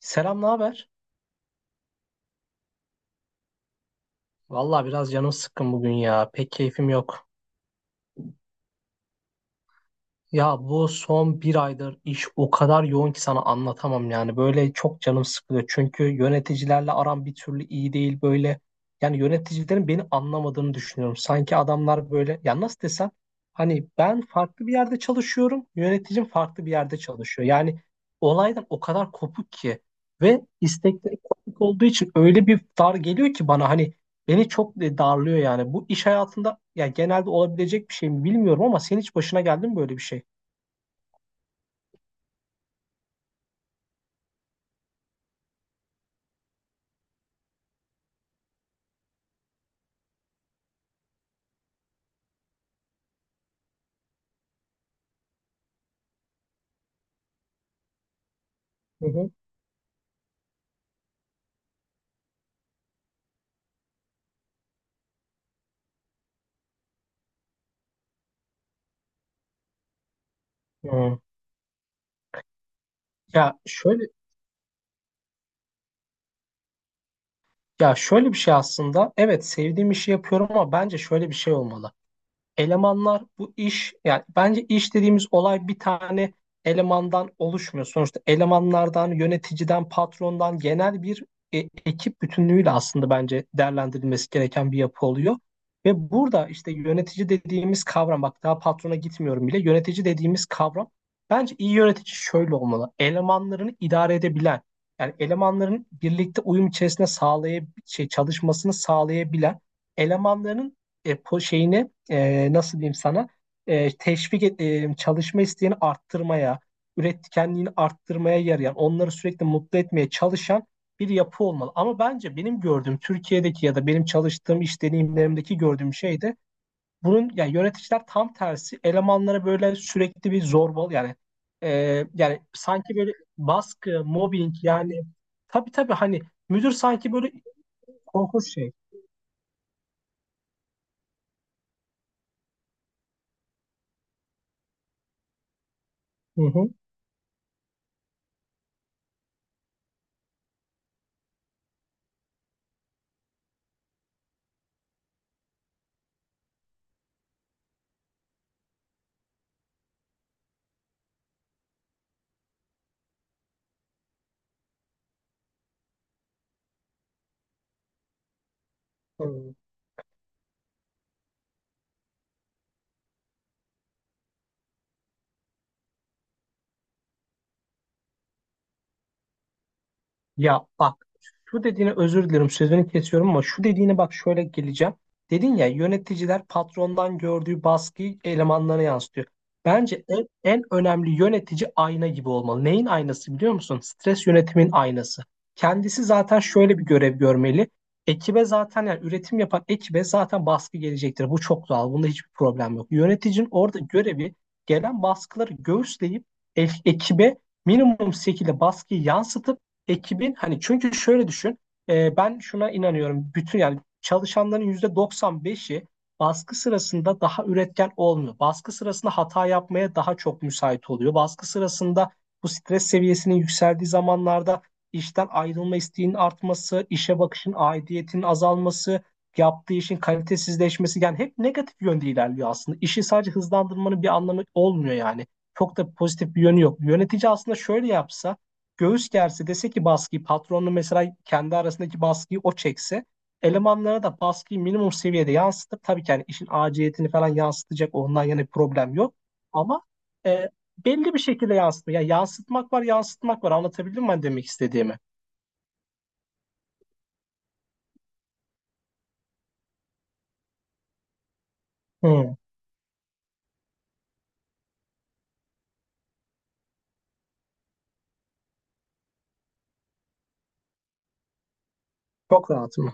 Selam, ne haber? Vallahi biraz canım sıkkın bugün ya. Pek keyfim yok. Ya bu son bir aydır iş o kadar yoğun ki sana anlatamam yani. Böyle çok canım sıkılıyor. Çünkü yöneticilerle aram bir türlü iyi değil böyle. Yani yöneticilerin beni anlamadığını düşünüyorum. Sanki adamlar böyle ya nasıl desem hani ben farklı bir yerde çalışıyorum. Yöneticim farklı bir yerde çalışıyor. Yani olaydan o kadar kopuk ki ve istekleri kopuk olduğu için öyle bir dar geliyor ki bana hani beni çok darlıyor yani. Bu iş hayatında ya genelde olabilecek bir şey mi bilmiyorum ama senin hiç başına geldi mi böyle bir şey? Hı hı. Hı. Ya şöyle ya şöyle bir şey aslında. Evet sevdiğim işi yapıyorum ama bence şöyle bir şey olmalı. Elemanlar bu iş yani bence iş dediğimiz olay bir tane elemandan oluşmuyor. Sonuçta elemanlardan, yöneticiden, patrondan genel bir e, ekip bütünlüğüyle aslında bence değerlendirilmesi gereken bir yapı oluyor. Ve burada işte yönetici dediğimiz kavram, bak daha patrona gitmiyorum bile, yönetici dediğimiz kavram, bence iyi yönetici şöyle olmalı. Elemanlarını idare edebilen, yani elemanların birlikte uyum içerisinde çalışmasını sağlayabilen, elemanların e, po şeyine nasıl diyeyim sana çalışma isteğini arttırmaya, üretkenliğini arttırmaya yarayan, onları sürekli mutlu etmeye çalışan bir yapı olmalı. Ama bence benim gördüğüm Türkiye'deki ya da benim çalıştığım iş deneyimlerimdeki gördüğüm şey de bunun, yani yöneticiler tam tersi elemanlara böyle sürekli bir zorbalı yani e, yani sanki böyle baskı, mobbing yani. Tabii tabii, hani müdür sanki böyle korkunç şey. Hı hı. Hı. Ya bak, şu dediğine özür dilerim sözünü kesiyorum ama şu dediğine bak şöyle geleceğim. Dedin ya yöneticiler patrondan gördüğü baskıyı elemanlarına yansıtıyor. Bence en önemli, yönetici ayna gibi olmalı. Neyin aynası biliyor musun? Stres yönetimin aynası. Kendisi zaten şöyle bir görev görmeli. Ekibe zaten, yani üretim yapan ekibe zaten baskı gelecektir. Bu çok doğal. Bunda hiçbir problem yok. Yöneticinin orada görevi gelen baskıları göğüsleyip ekibe minimum şekilde baskıyı yansıtıp ekibin, hani çünkü şöyle düşün, ben şuna inanıyorum, bütün yani çalışanların yüzde 95'i baskı sırasında daha üretken olmuyor. Baskı sırasında hata yapmaya daha çok müsait oluyor. Baskı sırasında, bu stres seviyesinin yükseldiği zamanlarda, işten ayrılma isteğinin artması, işe bakışın aidiyetinin azalması, yaptığı işin kalitesizleşmesi, yani hep negatif yönde ilerliyor aslında. İşi sadece hızlandırmanın bir anlamı olmuyor yani. Çok da pozitif bir yönü yok. Yönetici aslında şöyle yapsa, göğüs gerse, dese ki baskıyı patronla mesela, kendi arasındaki baskıyı o çekse, elemanlara da baskıyı minimum seviyede yansıtıp, tabii ki yani işin aciliyetini falan yansıtacak, ondan yana bir problem yok. Ama e, belli bir şekilde yansıtma. Yani yansıtmak var yansıtmak var, anlatabildim mi ben demek istediğimi? Hı, çok rahatım.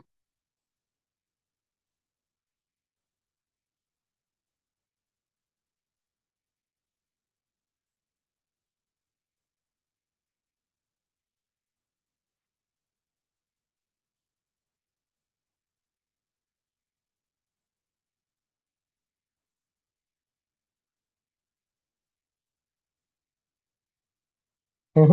Hı.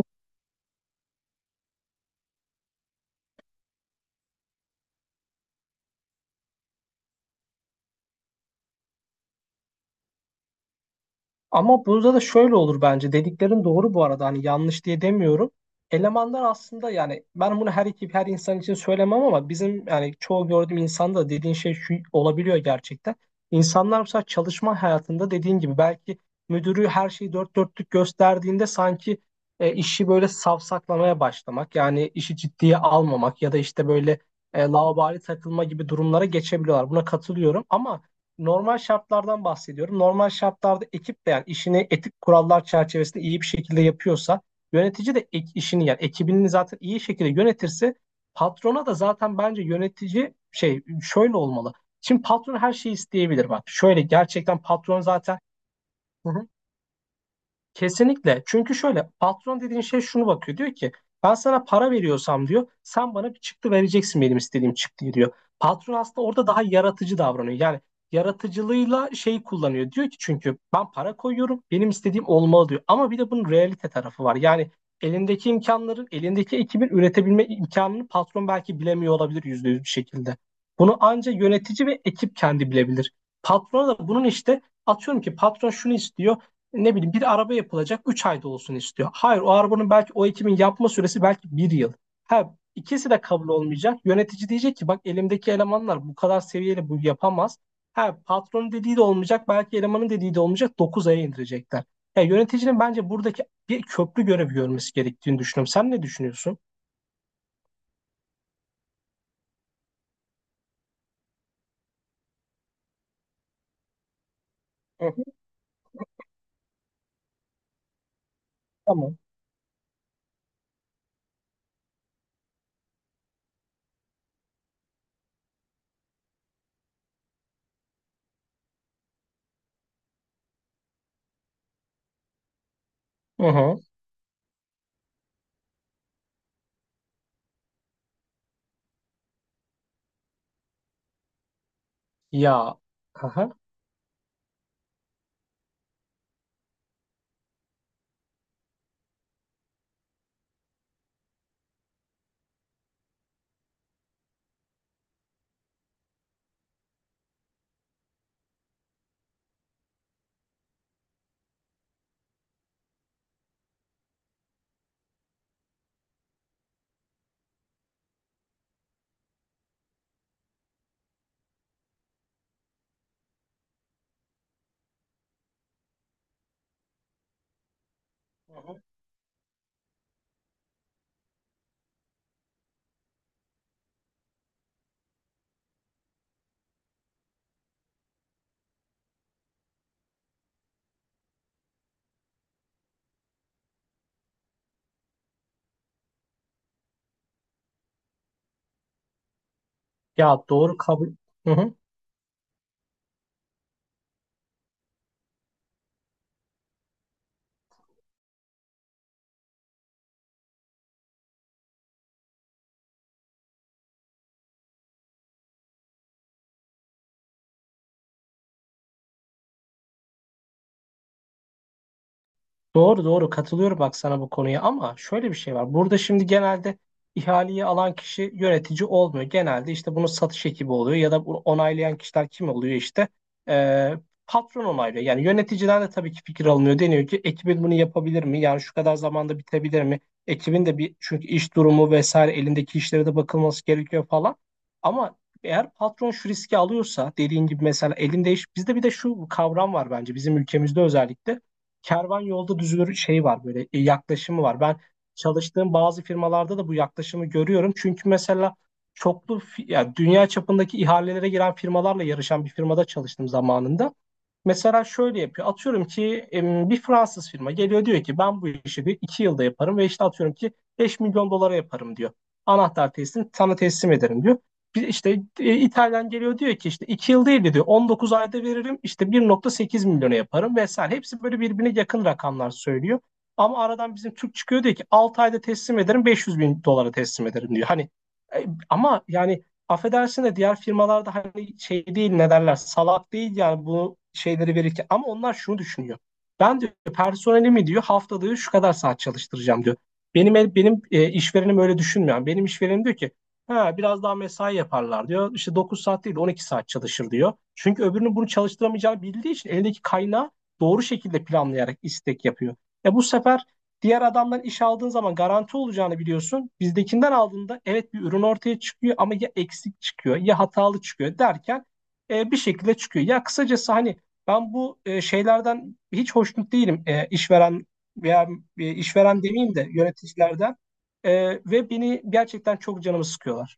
Ama burada da şöyle olur bence. Dediklerin doğru bu arada. Hani yanlış diye demiyorum. Elemanlar aslında, yani ben bunu her ekip her insan için söylemem ama bizim yani çoğu gördüğüm insanda dediğin şey şu olabiliyor gerçekten. İnsanlar mesela çalışma hayatında dediğin gibi belki müdürü her şeyi dört dörtlük gösterdiğinde sanki işi böyle savsaklamaya başlamak, yani işi ciddiye almamak ya da işte böyle laubali takılma gibi durumlara geçebiliyorlar. Buna katılıyorum ama normal şartlardan bahsediyorum. Normal şartlarda ekip de yani işini etik kurallar çerçevesinde iyi bir şekilde yapıyorsa, yönetici de işini, yani ekibini zaten iyi şekilde yönetirse, patrona da zaten bence yönetici şey şöyle olmalı. Şimdi patron her şeyi isteyebilir bak. Şöyle gerçekten, patron zaten. Hı hı. Kesinlikle. Çünkü şöyle, patron dediğin şey şunu bakıyor. Diyor ki, ben sana para veriyorsam diyor, sen bana bir çıktı vereceksin, benim istediğim çıktıyı diyor. Patron aslında orada daha yaratıcı davranıyor. Yani yaratıcılığıyla şeyi kullanıyor. Diyor ki, çünkü ben para koyuyorum benim istediğim olmalı diyor. Ama bir de bunun realite tarafı var. Yani elindeki ekibin üretebilme imkanını patron belki bilemiyor olabilir %100 bir şekilde. Bunu anca yönetici ve ekip kendi bilebilir. Patrona da bunun, işte atıyorum ki patron şunu istiyor, ne bileyim, bir araba yapılacak 3 ayda olsun istiyor. Hayır, o arabanın belki o ekimin yapma süresi belki bir yıl. Ha, ikisi de kabul olmayacak. Yönetici diyecek ki bak elimdeki elemanlar bu kadar seviyeli, bu yapamaz. Ha, patronun dediği de olmayacak belki, elemanın dediği de olmayacak, 9 aya indirecekler. Ya, yöneticinin bence buradaki bir köprü görevi görmesi gerektiğini düşünüyorum. Sen ne düşünüyorsun? Hı hı. Tamam. Hı hı. Ya. Hı hı. Ya doğru, kabul. Hı hı. Doğru doğru, katılıyorum bak sana bu konuya ama şöyle bir şey var. Burada şimdi genelde ihaleyi alan kişi yönetici olmuyor. Genelde işte bunu satış ekibi oluyor ya da bunu onaylayan kişiler kim oluyor işte. Ee, patron onaylıyor. Yani yöneticiden de tabii ki fikir alınıyor. Deniyor ki ekibin bunu yapabilir mi? Yani şu kadar zamanda bitebilir mi? Ekibin de bir, çünkü iş durumu vesaire, elindeki işlere de bakılması gerekiyor falan. Ama eğer patron şu riski alıyorsa dediğin gibi, mesela elinde iş, bizde bir de şu kavram var bence, bizim ülkemizde özellikle kervan yolda düzülür şey var, böyle yaklaşımı var. Ben çalıştığım bazı firmalarda da bu yaklaşımı görüyorum. Çünkü mesela, ya dünya çapındaki ihalelere giren firmalarla yarışan bir firmada çalıştım zamanında. Mesela şöyle yapıyor. Atıyorum ki bir Fransız firma geliyor, diyor ki ben bu işi bir iki yılda yaparım ve işte atıyorum ki 5 milyon dolara yaparım diyor. Anahtar teslim sana teslim ederim diyor. Bir işte İtalyan geliyor, diyor ki işte 2 yıl değil de diyor 19 ayda veririm, işte 1.8 milyona yaparım vesaire. Hepsi böyle birbirine yakın rakamlar söylüyor. Ama aradan bizim Türk çıkıyor, diyor ki 6 ayda teslim ederim, 500 bin dolara teslim ederim diyor. Hani ama yani, affedersin de, diğer firmalarda hani şey değil, ne derler, salak değil yani bu şeyleri verirken, ama onlar şunu düşünüyor. Ben diyor personelimi, diyor haftada diyor, şu kadar saat çalıştıracağım diyor. Benim işverenim öyle düşünmüyor. Yani benim işverenim diyor ki ha biraz daha mesai yaparlar diyor. İşte 9 saat değil, 12 saat çalışır diyor. Çünkü öbürünün bunu çalıştıramayacağını bildiği için elindeki kaynağı doğru şekilde planlayarak istek yapıyor. Bu sefer, diğer adamdan iş aldığın zaman garanti olacağını biliyorsun. Bizdekinden aldığında evet bir ürün ortaya çıkıyor ama ya eksik çıkıyor ya hatalı çıkıyor derken bir şekilde çıkıyor. Ya kısacası, hani ben bu şeylerden hiç hoşnut değilim. E, işveren veya işveren demeyeyim de, yöneticilerden. Ve beni gerçekten çok canımı sıkıyorlar.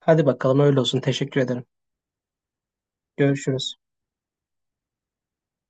Hadi bakalım öyle olsun. Teşekkür ederim. Görüşürüz.